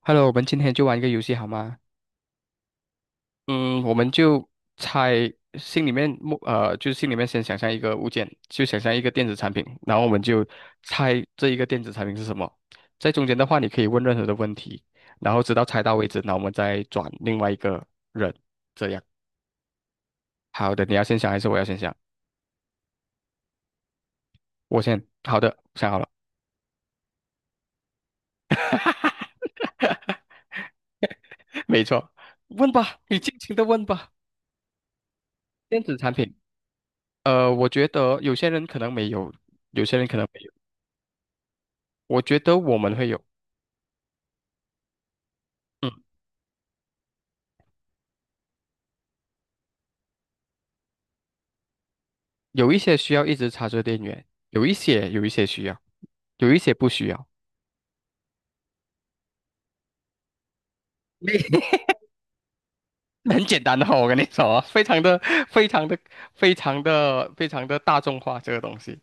Hello，我们今天就玩一个游戏好吗？嗯，我们就猜心里面就是心里面先想象一个物件，就想象一个电子产品，然后我们就猜这一个电子产品是什么。在中间的话，你可以问任何的问题，然后直到猜到为止，然后我们再转另外一个人，这样。好的，你要先想还是我要先想？我先。好的，想好了。没错，问吧，你尽情的问吧。电子产品，我觉得有些人可能没有，有些人可能没有。我觉得我们会有。嗯，有一些需要一直插着电源，有一些需要，有一些不需要。那 很简单的哦，我跟你说啊，非常的、非常的、非常的、非常的大众化这个东西。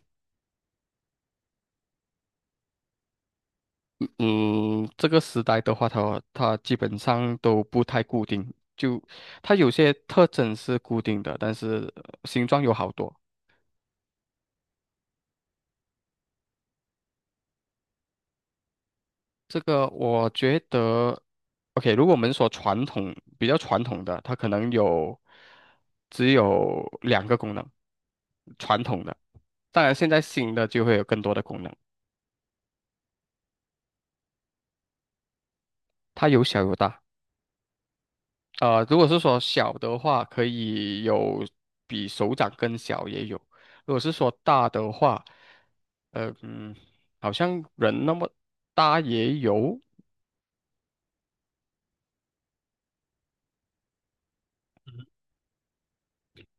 嗯，这个时代的话，它基本上都不太固定，就它有些特征是固定的，但是形状有好多。这个我觉得，OK，如果我们说传统比较传统的，它可能有只有两个功能，传统的，当然现在新的就会有更多的功能，它有小有大。如果是说小的话，可以有比手掌更小也有；如果是说大的话，呃嗯，好像人那么大也有。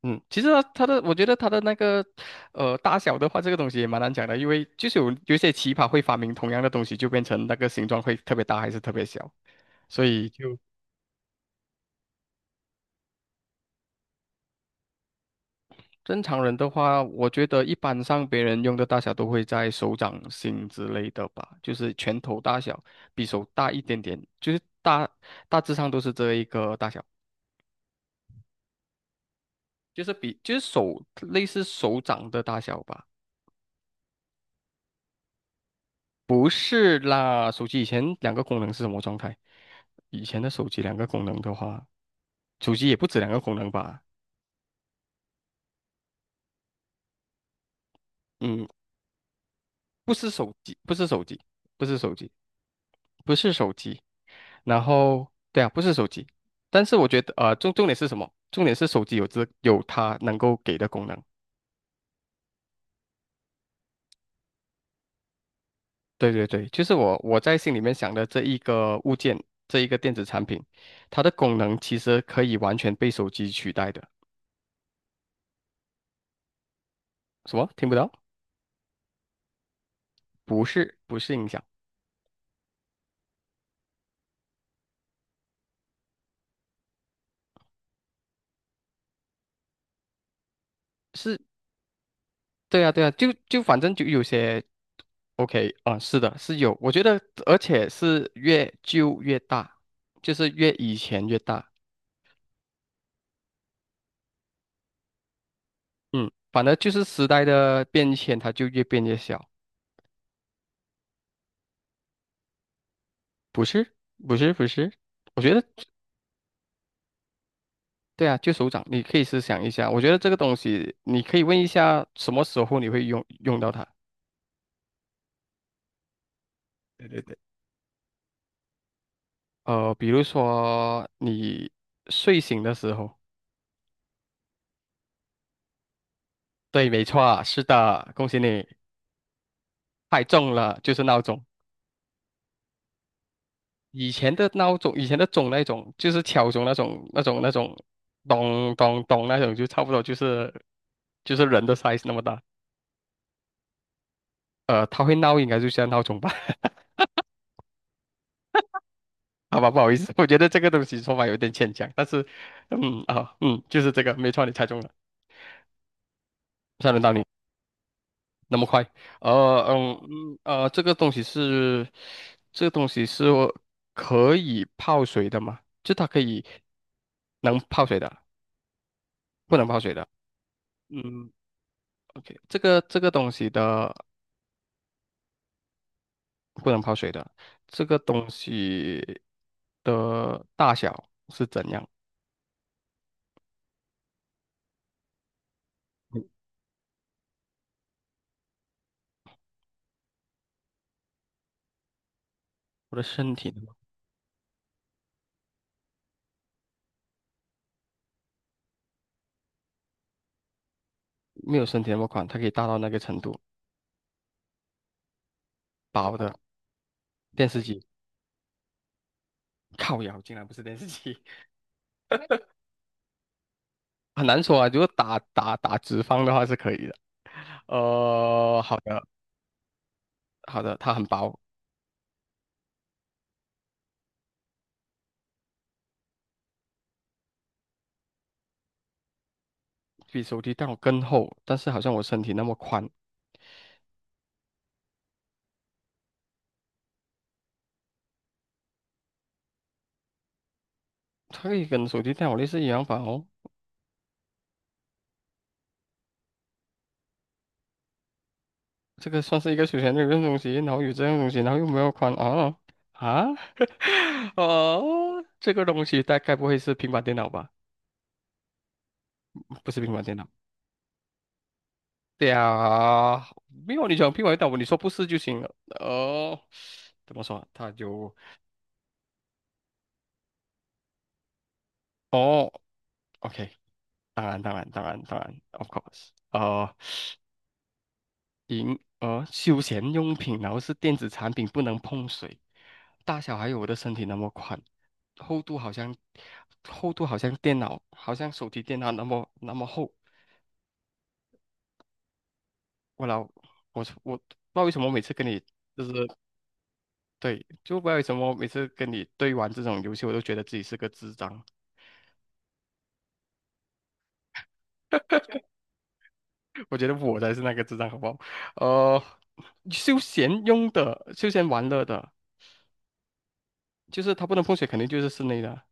嗯，其实它的，我觉得它的那个，大小的话，这个东西也蛮难讲的，因为就是有一些奇葩会发明同样的东西，就变成那个形状会特别大还是特别小，所以就正常人的话，我觉得一般上别人用的大小都会在手掌心之类的吧，就是拳头大小，比手大一点点，就是大致上都是这一个大小，就是比就是手类似手掌的大小吧。不是啦，手机以前两个功能是什么状态？以前的手机两个功能的话，手机也不止两个功能吧？嗯，不是手机，不是手机，不是手机，不是手机。然后，对啊，不是手机。但是我觉得，重点是什么？重点是手机有这有它能够给的功能。对对对，就是我在心里面想的这一个物件，这一个电子产品，它的功能其实可以完全被手机取代的。什么？听不到？不是，不是音响。是，对啊，对啊，就就反正就有些 OK 啊、是的，是有，我觉得而且是越旧越大，就是越以前越大。嗯，反正就是时代的变迁，它就越变越小。不是，不是，不是，我觉得对啊，就手掌，你可以思想一下，我觉得这个东西你可以问一下什么时候你会用到它，对对对，比如说你睡醒的时候，对，没错啊，是的，恭喜你，太重了，就是闹钟。以前的闹钟，以前的钟那种，就是敲钟那种、那种、那种，咚咚咚那种，就差不多就是就是人的 size 那么大。它会闹，应该就像闹钟吧？好吧，不好意思，我觉得这个东西说法有点牵强，但是，就是这个，没错，你猜中了，算轮到你，那么快。这个东西是，这个东西是可以泡水的吗？就它可以能泡水的，不能泡水的。嗯，OK，这个东西的不能泡水的，这个东西的大小是怎样？嗯，我的身体没有身体那么宽，它可以大到那个程度。薄的电视机，靠腰竟然不是电视机，很难说啊。如果打直方的话是可以的。呃，好的好的，它很薄，比手机电脑更厚，但是好像我身体那么宽，它可以跟手机电脑类似一样吧？哦，这个算是一个休闲的一个东西，然后有这样的东西，然后又没有宽啊啊。哦，这个东西大概不会是平板电脑吧？不是平板电脑。对啊，没有你想平板电脑，你说不是就行了。哦，怎么说？它就哦，OK，当然，当然，当然，当然，of course。休闲用品，然后是电子产品，不能碰水。大小还有我的身体那么宽，厚度好像厚度好像电脑，好像手提电脑那么厚。我老我我不知道为什么每次跟你。就是。对，就不知道为什么每次跟你对玩这种游戏，我都觉得自己是个智障。我觉得我才是那个智障，好不好？呃，休闲用的、休闲玩乐的，就是它不能碰水，肯定就是室内的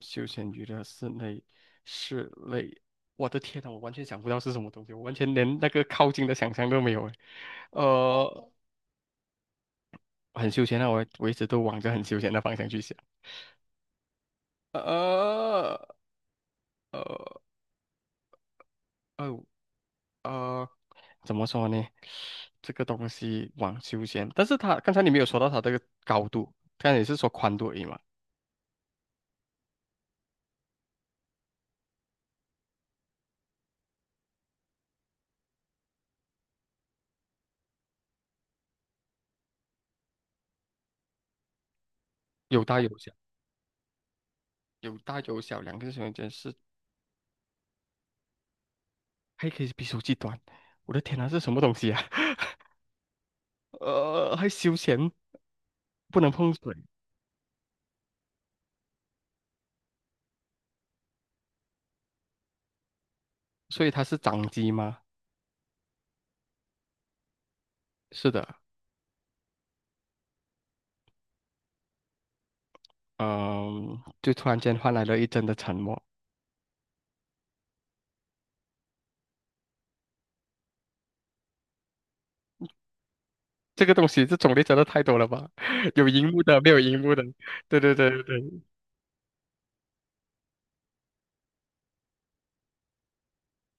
休闲娱乐、室内、室内。我的天呐，我完全想不到是什么东西，我完全连那个靠近的想象都没有诶。呃，很休闲啊，我一直都往着很休闲的方向去想。呃呃呃呃。怎么说呢？这个东西网休闲，但是它刚才你没有说到它这个高度，刚才你是说宽度而已嘛，有大有小，有大有小，两个小空间是还可以比手机短，我的天呐，这是什么东西啊？还休闲，不能碰水，所以它是掌机吗？是的。嗯，就突然间换来了一阵的沉默。这个东西，这种类真的太多了吧？有荧幕的，没有荧幕的，对对对对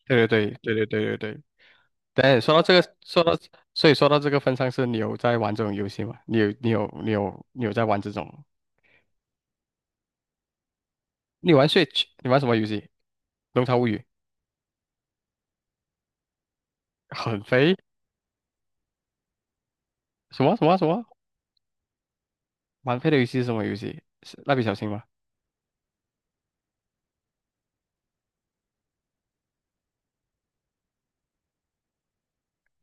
对对对对对对对对对。对，说到这个，说到，所以说到这个份上，是你有在玩这种游戏吗？你有，你有，你有，你有在玩这种？你玩 Switch，你玩什么游戏？《龙槽物语》很肥，什么什么什么？蛮肥的游戏是什么游戏？是蜡笔小新吗？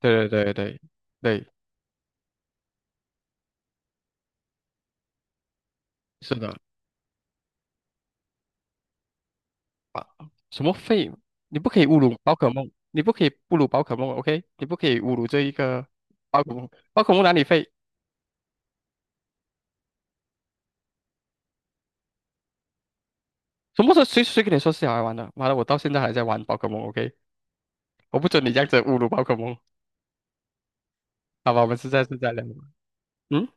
对对对对对，是的。啊，什么废？你不可以侮辱宝可梦，你不可以侮辱宝可梦，OK？你不可以侮辱这一个宝可梦，宝可梦哪里废？什么时候谁谁跟你说是小孩玩的？妈的，我到现在还在玩宝可梦，OK？我不准你这样子侮辱宝可梦。好吧，我们是在是在聊。嗯，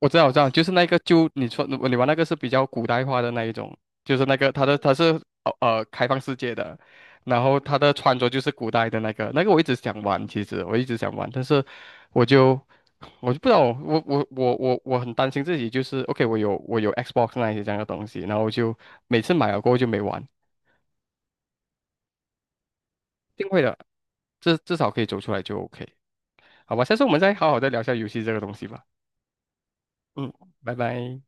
我知道，我知道，就是那个，就你说你玩那个是比较古代化的那一种，就是那个它是开放世界的，然后它的穿着就是古代的那个，那个我一直想玩，其实我一直想玩，但是我就我就不知道，我很担心自己，就是 OK，我有 Xbox 那一些这样的东西，然后我就每次买了过后就没玩，一定会的，至少可以走出来就 OK，好吧，下次我们再好好再聊一下游戏这个东西吧。嗯，拜拜。